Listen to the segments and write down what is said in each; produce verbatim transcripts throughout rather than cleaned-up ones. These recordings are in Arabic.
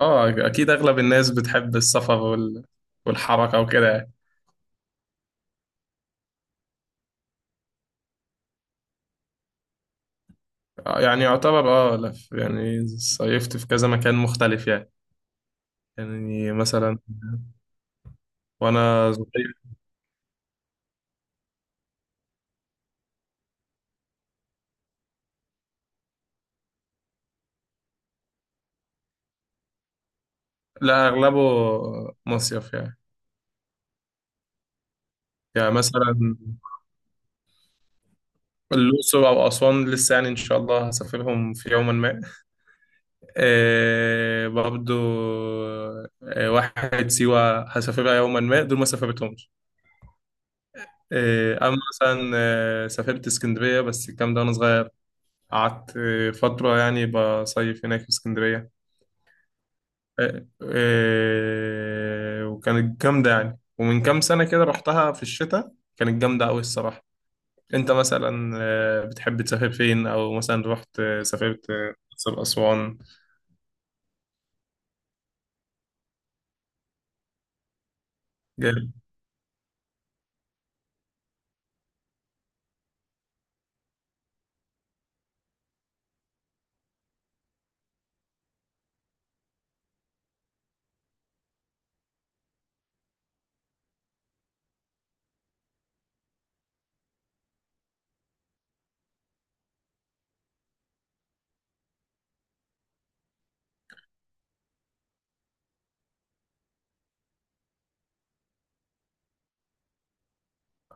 اه اكيد اغلب الناس بتحب السفر وال... والحركه وكده يعني. آه، يعني يعتبر اه لف يعني صيفت في كذا مكان مختلف يعني. يعني مثلا وانا صغير. لا اغلبه مصيف يعني. يعني مثلا الأقصر أو أسوان لسه يعني إن شاء الله هسافرهم في يوما ما. آه برضو. آه واحد سيوة هسافرها يوما ما، دول ما سافرتهمش. آه أما مثلا آه سافرت اسكندرية بس الكلام ده وأنا صغير. قعدت فترة يعني بصيف هناك في اسكندرية. آه، آه، وكانت جامدة يعني، ومن كام سنة كده رحتها في الشتاء. كانت جامدة أوي الصراحة. أنت مثلا آه، بتحب تسافر فين؟ أو مثلا رحت آه، سافرت آه، الأقصر أسوان؟ جامد.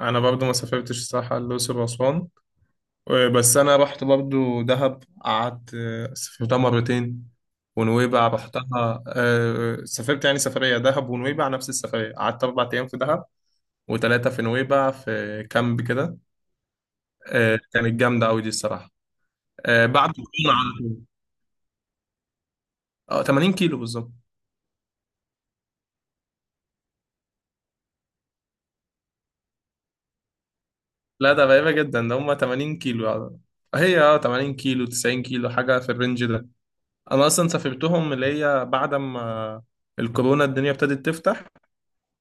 أنا برضو ما سافرتش الصراحة الأقصر وأسوان. آه، بس أنا رحت برضو دهب، قعدت آه، سافرتها مرتين. ونويبع رحتها، آه، سافرت يعني سفرية دهب ونويبع نفس السفرية، قعدت أربع أيام في دهب وثلاثة في نويبع في كامب كده. آه، كانت جامدة أوي دي الصراحة. آه، بعد الكورونا على طول. اه، 80 كيلو بالظبط. لا ده غريبة جدا، ده هما 80 كيلو يعني. هي اه 80 كيلو 90 كيلو، حاجة في الرينج ده. أنا أصلا سافرتهم اللي هي بعد ما الكورونا الدنيا ابتدت تفتح.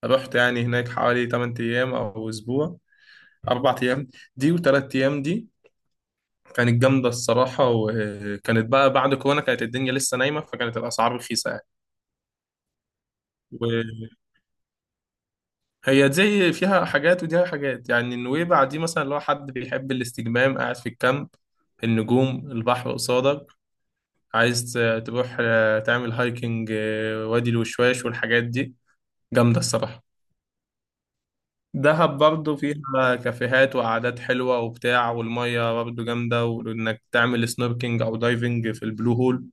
رحت يعني هناك حوالي 8 أيام أو أسبوع. أربع أيام دي وتلات أيام دي. كانت جامدة الصراحة، وكانت بقى بعد كورونا كانت الدنيا لسه نايمة فكانت الأسعار رخيصة. يعني هي زي فيها حاجات وديها حاجات يعني. النويبع دي مثلا لو حد بيحب الاستجمام قاعد في الكامب، النجوم، البحر قصادك. عايز ت- تروح آه، تعمل هايكنج، آه، وادي الوشواش والحاجات دي، جامدة الصراحة. دهب برضه فيها كافيهات وقعدات حلوة وبتاع، والمية برضه جامدة، وإنك تعمل سنوركينج أو دايفنج في البلو هول،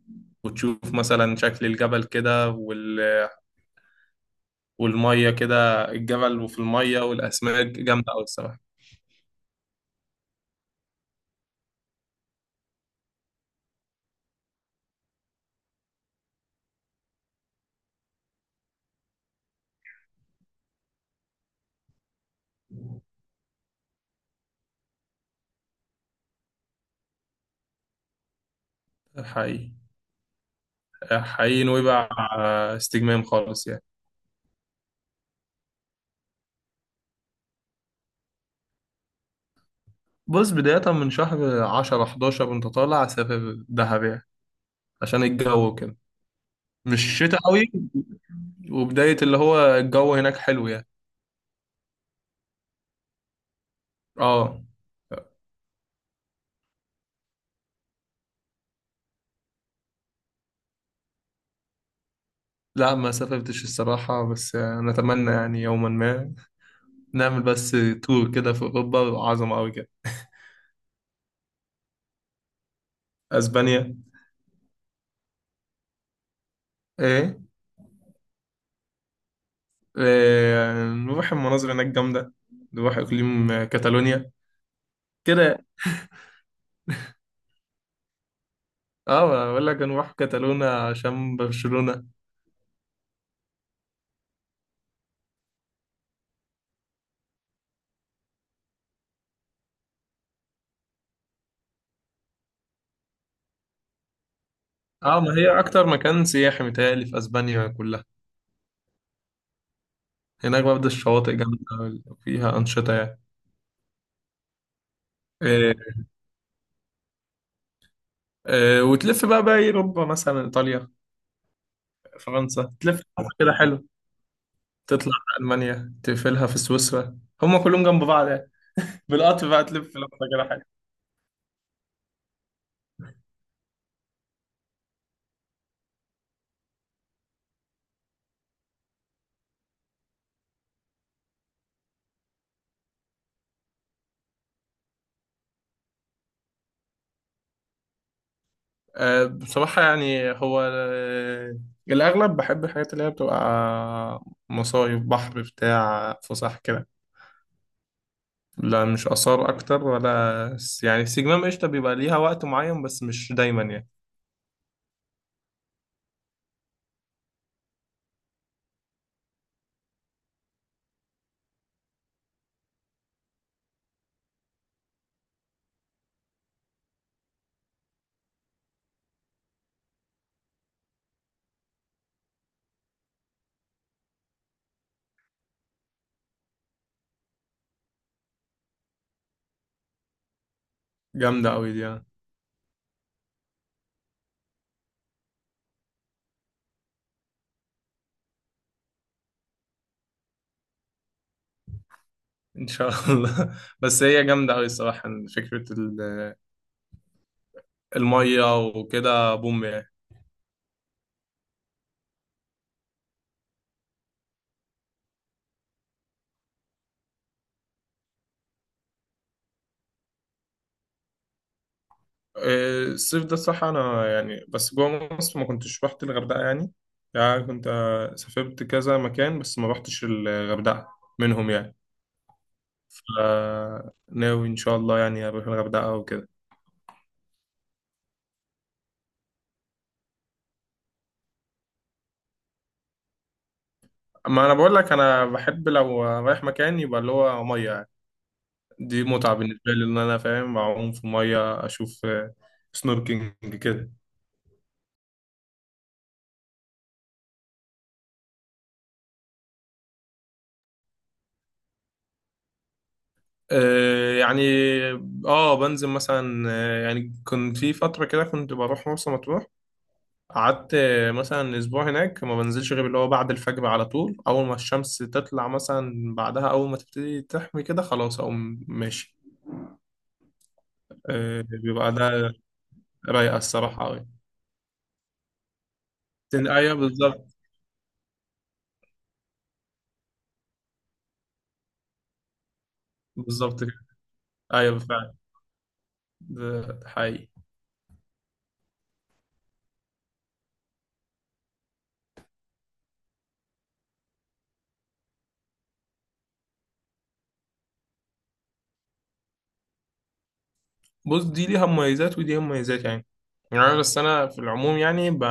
وتشوف مثلا شكل الجبل كده وال... والمية كده، الجبل وفي المية والأسماك جامدة أوي الصراحة. حقيقي. حقيقي نويبع استجمام خالص يعني. بص، بداية من شهر عشرة حداشر وانت طالع سافر دهب يعني، عشان الجو كده مش شتاء قوي، وبداية اللي هو الجو هناك حلو يعني. اه. لا ما سافرتش الصراحة، بس نتمنى يعني يوما ما نعمل بس تور كده في أوروبا، عظمة أوي كده. أسبانيا. إيه. إيه، نروح، المناظر هناك جامدة. نروح إقليم كاتالونيا كده. اه، بقول لك نروح كاتالونا عشان برشلونة. اه، ما هي اكتر مكان سياحي متهيألي في اسبانيا كلها. هناك برضه الشواطئ جامده، فيها انشطه يعني. إيه. إيه، وتلف بقى باقي اوروبا مثلا ايطاليا فرنسا تلف، كده حلو. تطلع على المانيا تقفلها في سويسرا، هم كلهم جنب بعض يعني، بالقطر بقى تلف لفه، كده حلو. آه، بصراحه يعني هو آه، الاغلب بحب الحاجات اللي هي بتبقى مصايف بحر بتاع فسح كده. لا مش آثار أكتر، ولا س- يعني السجمام قشطة، بيبقى ليها وقت معين بس مش دايما يعني. جامدة أوي دي يعني. إن شاء الله بس هي جامدة أوي الصراحة. فكرة ال- المية وكده بوم يعني. إيه، الصيف ده الصراحة أنا يعني بس جوه مصر ما كنتش رحت الغردقة يعني. يعني كنت آه، سافرت كذا مكان بس ما رحتش الغردقة منهم يعني. فناوي إن شاء الله يعني أروح الغردقة وكده. ما أنا بقول لك، أنا بحب لو رايح مكان يبقى اللي هو مية. دي متعة بالنسبة لي إن أنا فاهم أعوم في المية، أشوف آه، سنوركينج كده. آه، يعني آه بنزل مثلا. آه، يعني كنت في فترة كده كنت بروح مرسى مطروح، قعدت آه، مثلا أسبوع هناك، ما بنزلش غير اللي هو بعد الفجر على طول، أول ما الشمس تطلع مثلا، بعدها أول ما تبتدي تحمي كده خلاص أقوم ماشي. آه، بيبقى ده رايقة الصراحة أوي. أيوه بالظبط. بالظبط كده. أيوه فعلا، ده حقيقي. بص، دي ليها مميزات ودي ليها مميزات يعني. يعني أنا بس انا في العموم يعني ب...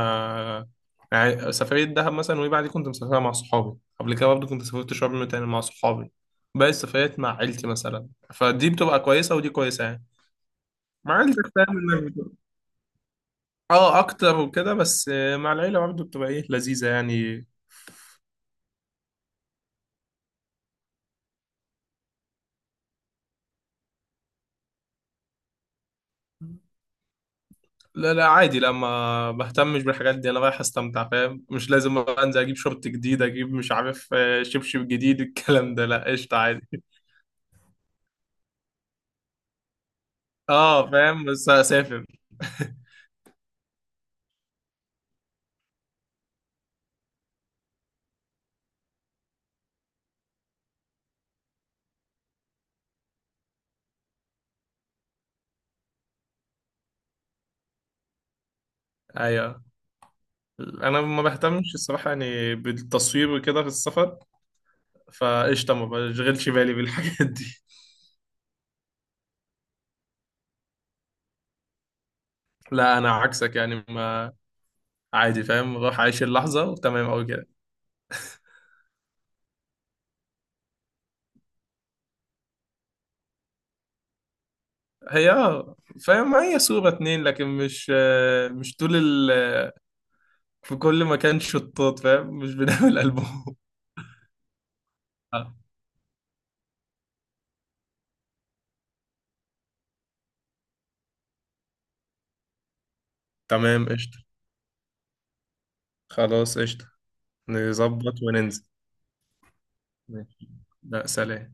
يعني سفريه دهب مثلا وايه، بعد كنت مسافرها مع صحابي. قبل كده برضه كنت سافرت شرم تاني مع صحابي. باقي السفريات مع عيلتي مثلا. فدي بتبقى كويسه ودي كويسه يعني. مع عيلتك فاهم انك بتبقى- اه، اكتر وكده، بس مع العيله برضه بتبقى ايه لذيذه يعني. لا لا عادي، لا ما بهتمش بالحاجات دي، انا رايح استمتع فاهم، مش لازم انزل اجيب شورت جديد، اجيب مش عارف آه، شبشب جديد، الكلام ده لا قشطه عادي. اه فاهم، بس هسافر. ايوه. انا ما بهتمش الصراحه يعني بالتصوير وكده في السفر، فقشطه ما بشغلش بالي بالحاجات دي. لا انا عكسك يعني، ما عادي فاهم، روح عايش اللحظه وتمام او كده. هي اه فاهم، هي صوره اتنين لكن مش آه، مش طول ال في كل مكان شطات، فاهم مش بنعمل البوم. آه، تمام قشطه. خلاص قشطه. نظبط وننزل. ماشي. لا سلام.